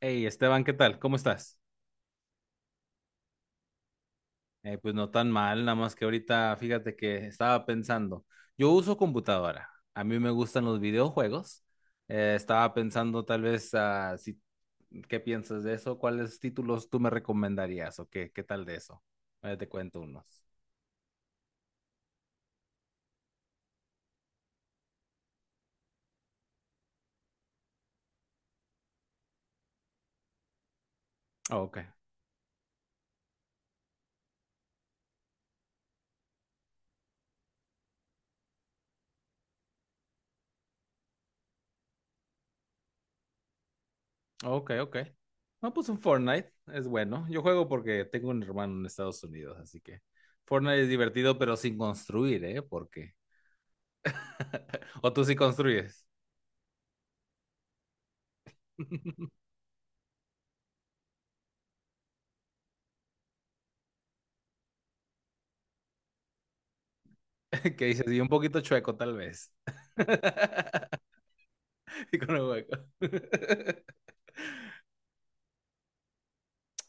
Hey, Esteban, ¿qué tal? ¿Cómo estás? Pues no tan mal, nada más que ahorita fíjate que estaba pensando, yo uso computadora, a mí me gustan los videojuegos, estaba pensando tal vez si, ¿qué piensas de eso? ¿Cuáles títulos tú me recomendarías o qué tal de eso? Ahora te cuento unos. Ah, ok, ok, ok. No, pues un Fortnite es bueno, yo juego porque tengo un hermano en Estados Unidos, así que Fortnite es divertido pero sin construir, ¿eh? Porque, o tú sí construyes. Que dices, y un poquito chueco, tal vez. Y con el hueco.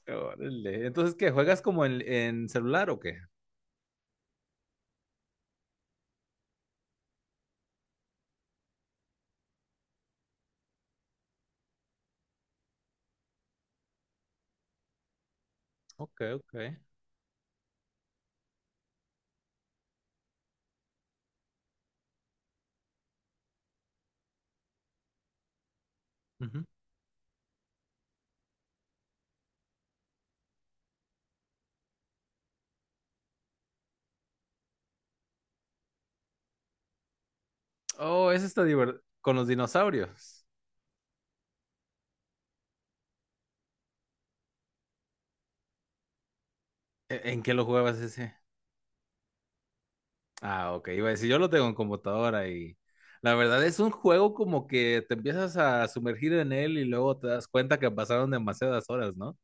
Órale. Entonces, ¿qué? ¿Juegas como en celular o qué? Ok, ok. Ujú. Oh, ese está divertido. Con los dinosaurios. ¿E- ¿En qué lo jugabas ese? Ah, ok. Iba a decir, yo lo tengo en computadora y la verdad es un juego como que te empiezas a sumergir en él y luego te das cuenta que pasaron demasiadas horas, ¿no?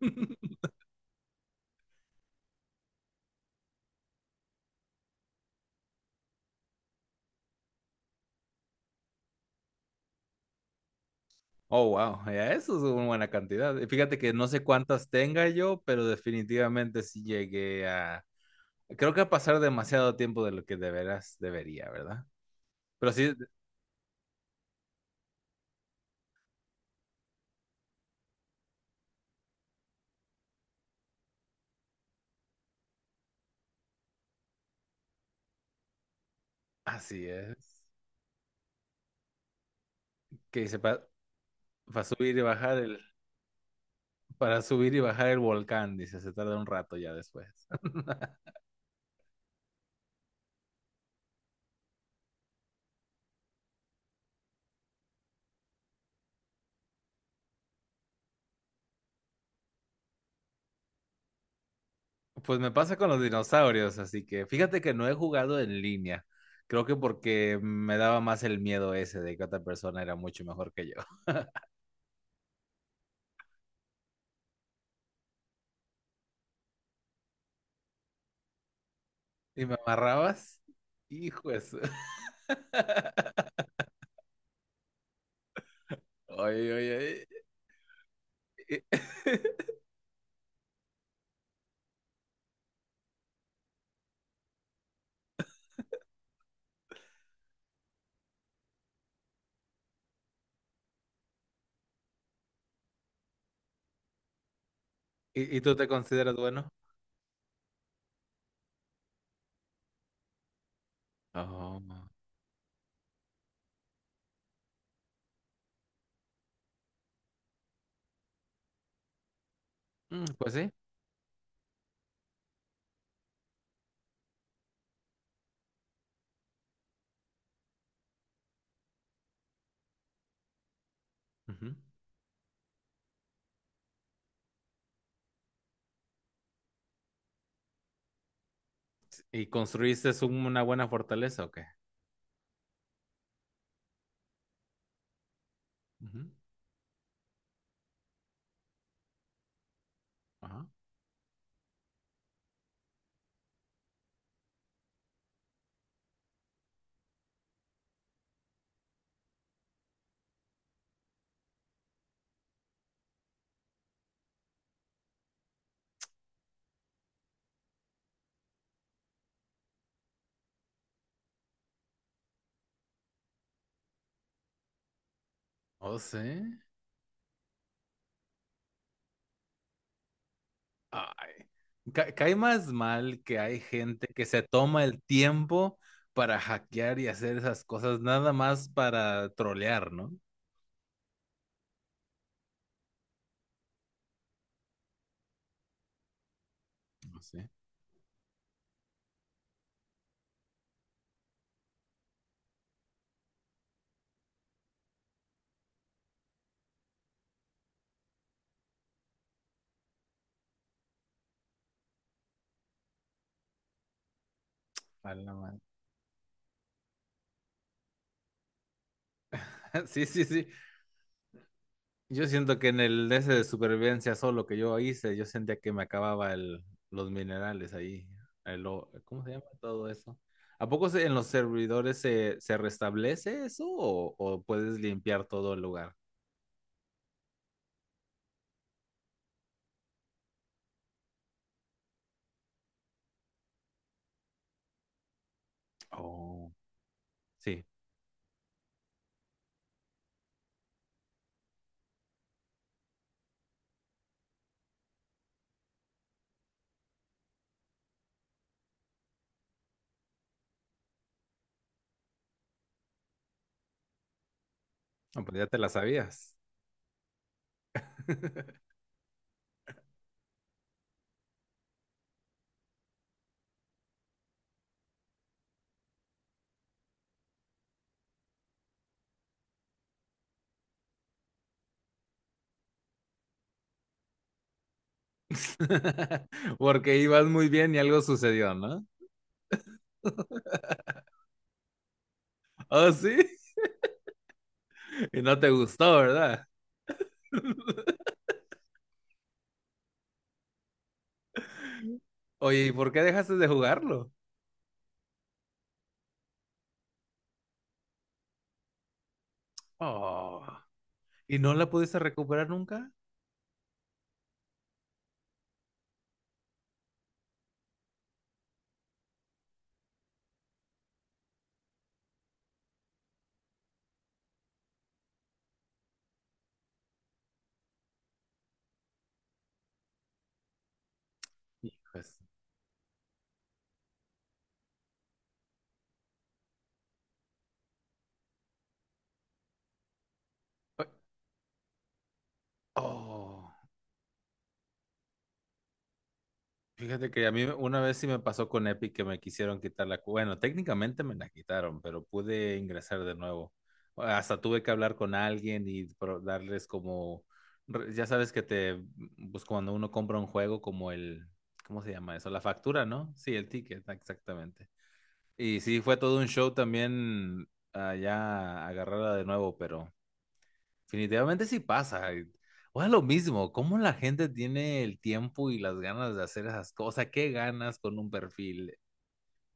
Oh, wow, ya eso es una buena cantidad. Y fíjate que no sé cuántas tenga yo, pero definitivamente sí llegué a... Creo que a pasar demasiado tiempo de lo que de veras debería, ¿verdad? Pero sí, así es. Que dice, para subir y bajar el... Para subir y bajar el volcán, dice, se tarda un rato ya después. Pues me pasa con los dinosaurios, así que fíjate que no he jugado en línea. Creo que porque me daba más el miedo ese de que otra persona era mucho mejor que yo. ¿Y me amarrabas? Hijo de su- Oye, oye, oye. ¿Y, y tú te consideras bueno? Oh, mm, pues sí. Ujú. ¿Y construiste un- una buena fortaleza o qué? Ujú. Ajá. Oh, sí. Ay. Ca- cae más mal que hay gente que se toma el tiempo para hackear y hacer esas cosas nada más para trolear, ¿no? No sé. ¡A la madre! Sí, sí, sí. Yo siento que en el ese de supervivencia solo que yo hice, yo sentía que me acababa los minerales ahí. El o- ¿cómo se llama todo eso? ¿A poco se- en los servidores se restablece eso o puedes limpiar todo el lugar? Oh, sí. No, pues ya te la sabías. Porque ibas muy bien y algo sucedió, ¿no? Oh, sí. Y no te gustó, ¿verdad? Oye, ¿y por qué dejaste de jugarlo? Oh. ¿Y no la pudiste recuperar nunca? Hijos. Oh, fíjate que a mí una vez sí me pasó con Epic que me quisieron quitar la... cu- Bueno, técnicamente me la quitaron, pero pude ingresar de nuevo. Hasta tuve que hablar con alguien y pro- darles como... re- Ya sabes que te... Pues cuando uno compra un juego como el... ¿Cómo se llama eso? La factura, ¿no? Sí, el ticket, exactamente. Y sí, fue todo un show también ya agarrarla de nuevo, pero... Definitivamente sí pasa. Y- O sea, lo mismo, cómo la gente tiene el tiempo y las ganas de hacer esas cosas, qué ganas con un perfil,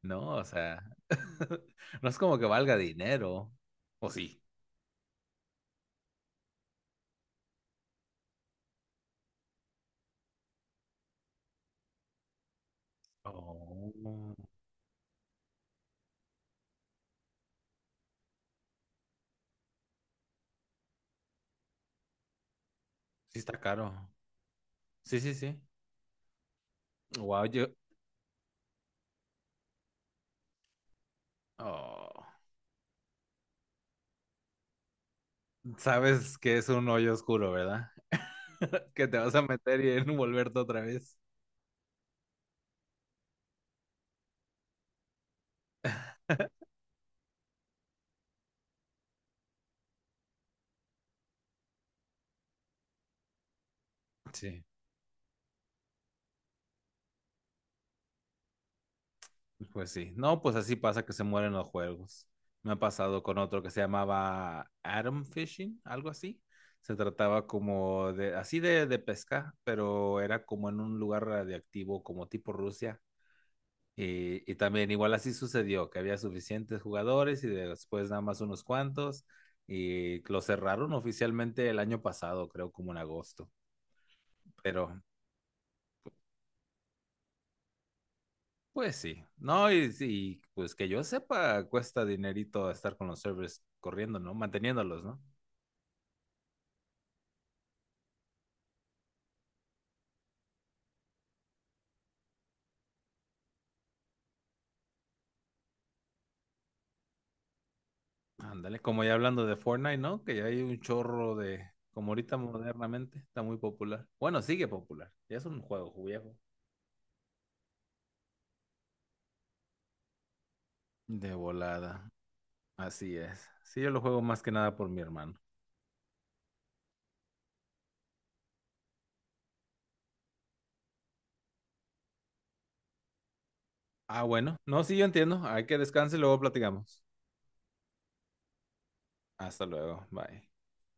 ¿no? O sea, no es como que valga dinero, ¿o sí? Oh, sí está caro. Sí, sí, sí. Wow, yo... oh, sabes que es un hoyo oscuro, ¿verdad? Que te vas a meter y envolverte otra vez. Sí. Pues sí, no, pues así pasa que se mueren los juegos. Me ha pasado con otro que se llamaba Atom Fishing, algo así. Se trataba como así de pesca, pero era como en un lugar radiactivo, como tipo Rusia. Y también igual así sucedió, que había suficientes jugadores y después nada más unos cuantos. Y lo cerraron oficialmente el año pasado, creo como en agosto. Pero pues sí, no, y, pues que yo sepa, cuesta dinerito estar con los servers corriendo, ¿no? Manteniéndolos, ¿no? Ándale, como ya hablando de Fortnite, ¿no? Que ya hay un chorro de, como ahorita modernamente, está muy popular. Bueno, sigue popular, ya es un juego viejo. De volada, así es. Sí, yo lo juego más que nada por mi hermano. Ah, bueno, no, sí, yo entiendo. Hay que descanse y luego platicamos. Hasta luego, bye.